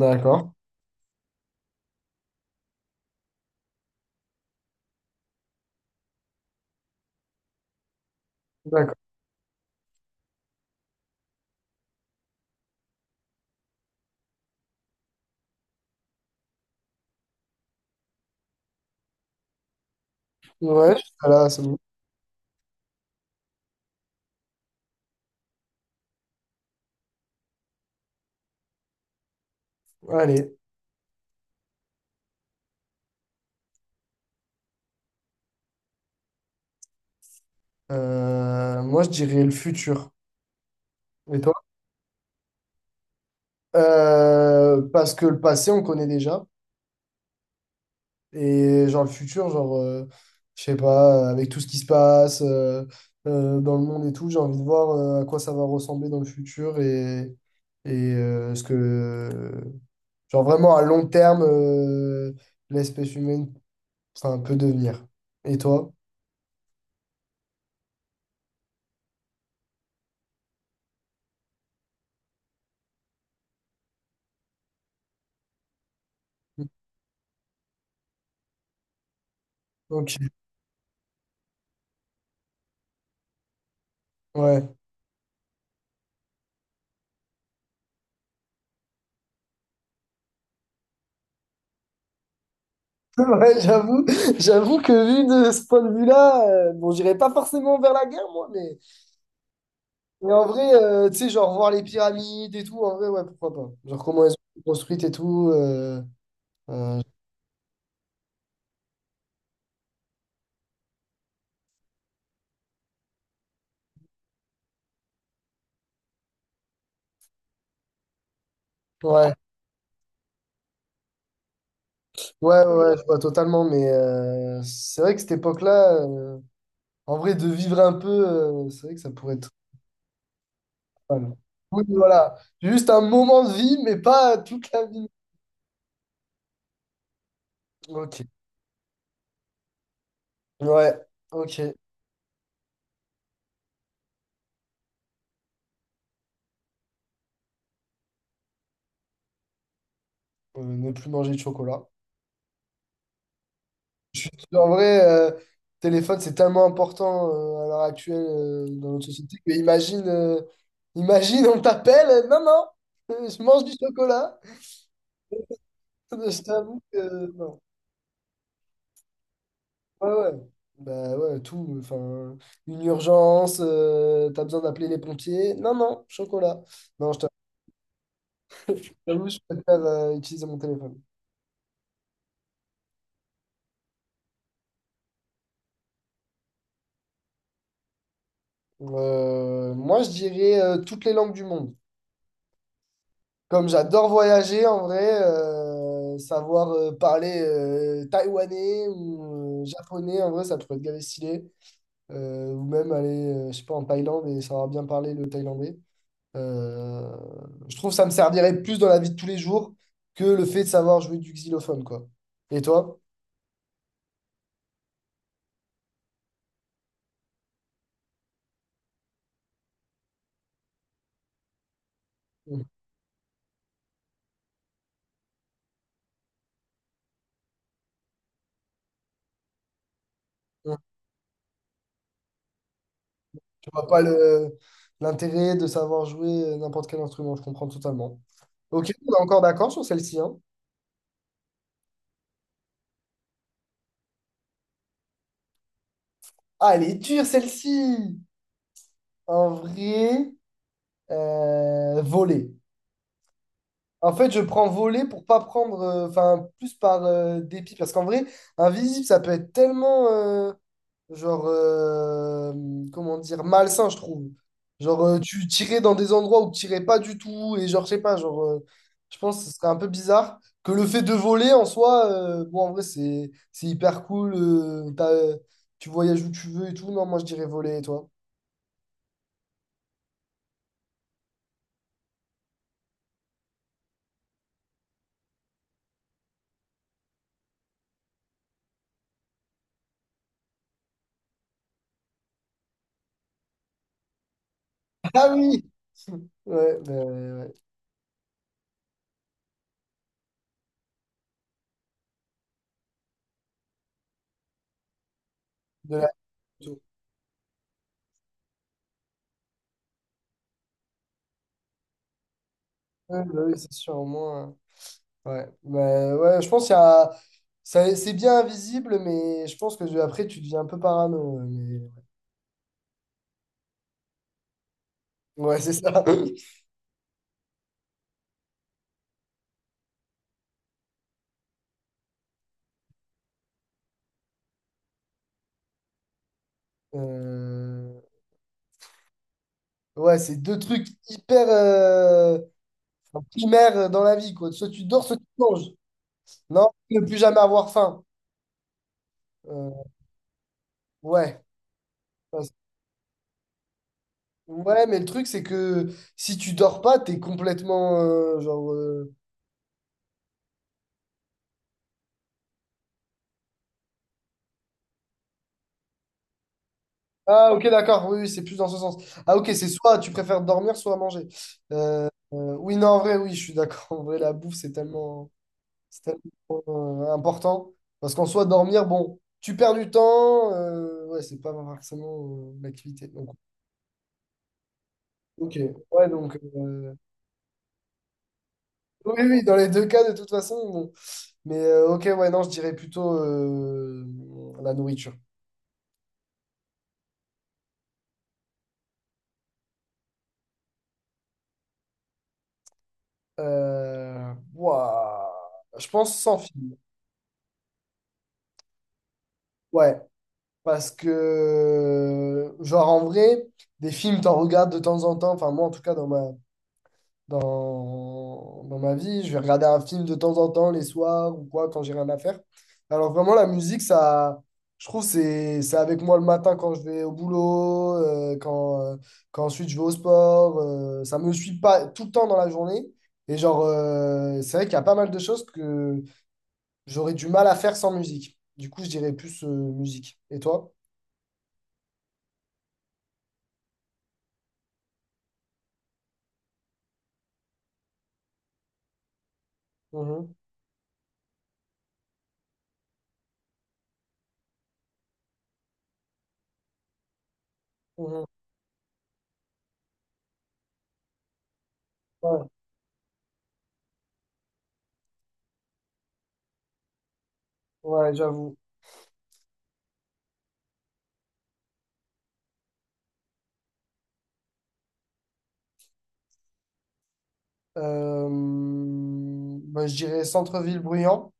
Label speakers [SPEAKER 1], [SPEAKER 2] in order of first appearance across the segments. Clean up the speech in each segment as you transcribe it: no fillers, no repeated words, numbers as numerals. [SPEAKER 1] D'accord, d'accord. Ouais, ah là, c'est bon. Allez, moi je dirais le futur. Et toi? Parce que le passé, on connaît déjà. Et genre le futur, genre, je sais pas, avec tout ce qui se passe dans le monde et tout, j'ai envie de voir à quoi ça va ressembler dans le futur et ce que, genre vraiment à long terme, l'espèce humaine, enfin, peut devenir. Et toi? Ok, ouais. Ouais, j'avoue que vu de ce point de vue-là, bon, j'irai pas forcément vers la guerre, moi, mais en vrai, tu sais, genre voir les pyramides et tout, en vrai, ouais, pourquoi pas. Genre comment elles sont construites et tout. Euh, ouais, ouais, ouais, ouais, je vois totalement, mais c'est vrai que cette époque-là, en vrai, de vivre un peu, c'est vrai que ça pourrait être pas mal. Oui, voilà, juste un moment de vie, mais pas toute la vie. Ok, ouais, ok. Ne plus manger de chocolat. En vrai, téléphone, c'est tellement important à l'heure actuelle dans notre société que imagine, on t'appelle, non, non, je mange du chocolat. Je t'avoue que non. Ouais, ouais. Bah ouais, tout. Enfin, une urgence, t'as besoin d'appeler les pompiers. Non, non, chocolat. Non, je t'avoue, j'avoue, je préfère utiliser mon téléphone. Moi, je dirais toutes les langues du monde. Comme j'adore voyager en vrai, savoir parler taïwanais ou japonais, en vrai, ça pourrait être gavé stylé. Ou même aller, je sais pas, en Thaïlande et savoir bien parler le thaïlandais. Euh, je trouve que ça me servirait plus dans la vie de tous les jours que le fait de savoir jouer du xylophone, quoi. Et toi? Mm. Mm. Je vois pas l'intérêt de savoir jouer n'importe quel instrument, je comprends totalement. Ok, on est encore d'accord sur celle-ci, hein? Ah, elle est dure, celle-ci! En vrai. Voler. En fait, je prends voler pour pas prendre, enfin, plus par dépit. Parce qu'en vrai, invisible, ça peut être tellement, genre, comment dire, malsain, je trouve. Genre, tu tirais dans des endroits où tu tirais pas du tout. Et genre, je sais pas, genre, je pense que ce serait un peu bizarre que le fait de voler en soi, bon, en vrai, c'est hyper cool. Tu voyages où tu veux et tout. Non, moi, je dirais voler, et toi? Ah oui! Ouais, ben, ouais. Ouais. De la. Ouais, bah oui, c'est sûr, au moins. Ouais. Mais ouais, je pense qu'il y a. C'est bien invisible, mais je pense que après, tu deviens un peu parano. Ouais, c'est ça. Euh, Ouais, c'est deux trucs hyper, enfin, primaires dans la vie, quoi. Soit tu dors, soit tu manges. Non, ne plus jamais avoir faim. Euh, Ouais. Parce- Ouais, mais le truc, c'est que si tu dors pas, t'es complètement, genre. Ah, ok, d'accord. Oui, oui, c'est plus dans ce sens. Ah, ok, c'est soit tu préfères dormir, soit manger. Euh, oui, non, en vrai, oui, je suis d'accord. En vrai, la bouffe, c'est tellement important. Parce qu'en soi, dormir, bon, tu perds du temps. Ouais, c'est pas forcément l'activité. Donc, ok. Ouais, donc. Oui, oui, dans les deux cas, de toute façon. Bon. Mais ok, ouais, non, je dirais plutôt la nourriture. Ouah, je pense sans film. Ouais. Parce que, genre, en vrai, des films, t'en regardes de temps en temps. Enfin, moi, en tout cas, dans ma vie, je vais regarder un film de temps en temps, les soirs ou quoi, quand j'ai rien à faire. Alors, vraiment, la musique, ça, je trouve, c'est avec moi le matin quand je vais au boulot, quand ensuite je vais au sport. Ça me suit pas tout le temps dans la journée. Et, genre, c'est vrai qu'il y a pas mal de choses que j'aurais du mal à faire sans musique. Du coup, je dirais plus, musique. Et toi? Mhm. Ouais, ouais, j'avoue. Euh, Bah, je dirais centre-ville bruyant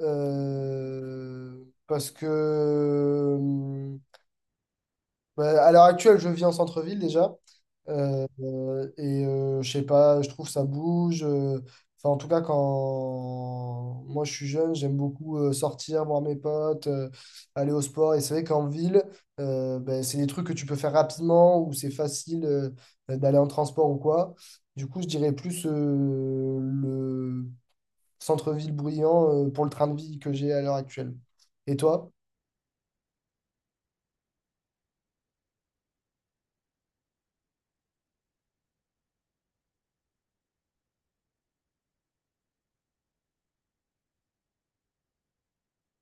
[SPEAKER 1] parce que, bah, à l'heure actuelle, je vis en centre-ville déjà. Et, je sais pas, je trouve ça bouge. Enfin, en tout cas, quand moi je suis jeune, j'aime beaucoup sortir, voir mes potes, aller au sport. Et c'est vrai qu'en ville, ben, c'est des trucs que tu peux faire rapidement ou c'est facile d'aller en transport ou quoi. Du coup, je dirais plus le centre-ville bruyant pour le train de vie que j'ai à l'heure actuelle. Et toi?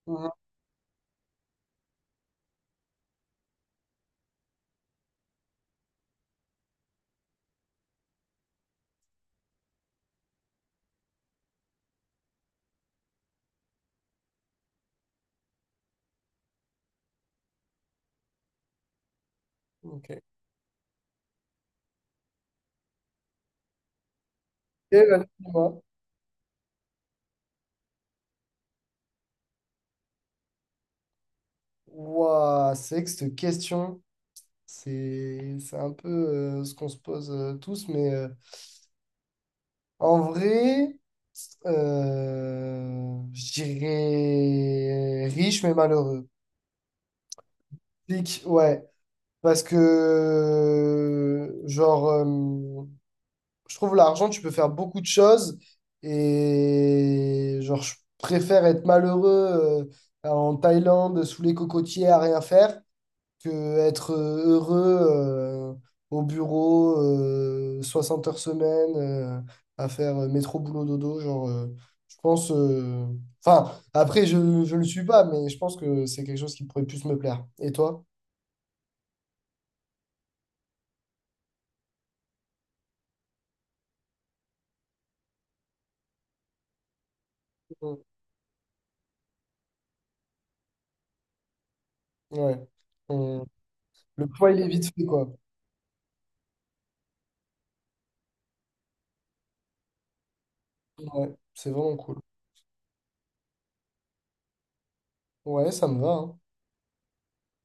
[SPEAKER 1] Mhm, ok. Et, dis-moi. Ouah, c'est vrai que cette question, c'est un peu, ce qu'on se pose, tous, mais en vrai, je dirais riche mais malheureux. Pique, ouais, parce que, genre, je trouve l'argent, tu peux faire beaucoup de choses, et genre, je préfère être malheureux en Thaïlande, sous les cocotiers, à rien faire. Que être heureux euh, au bureau 60 heures semaine, à faire métro boulot dodo, genre, je pense, enfin, après, je le suis pas, mais je pense que c'est quelque chose qui pourrait plus me plaire. Et toi? Mm. Ouais. On- le poids, il est vite fait, quoi. Ouais, c'est vraiment cool. Ouais, ça me va, hein.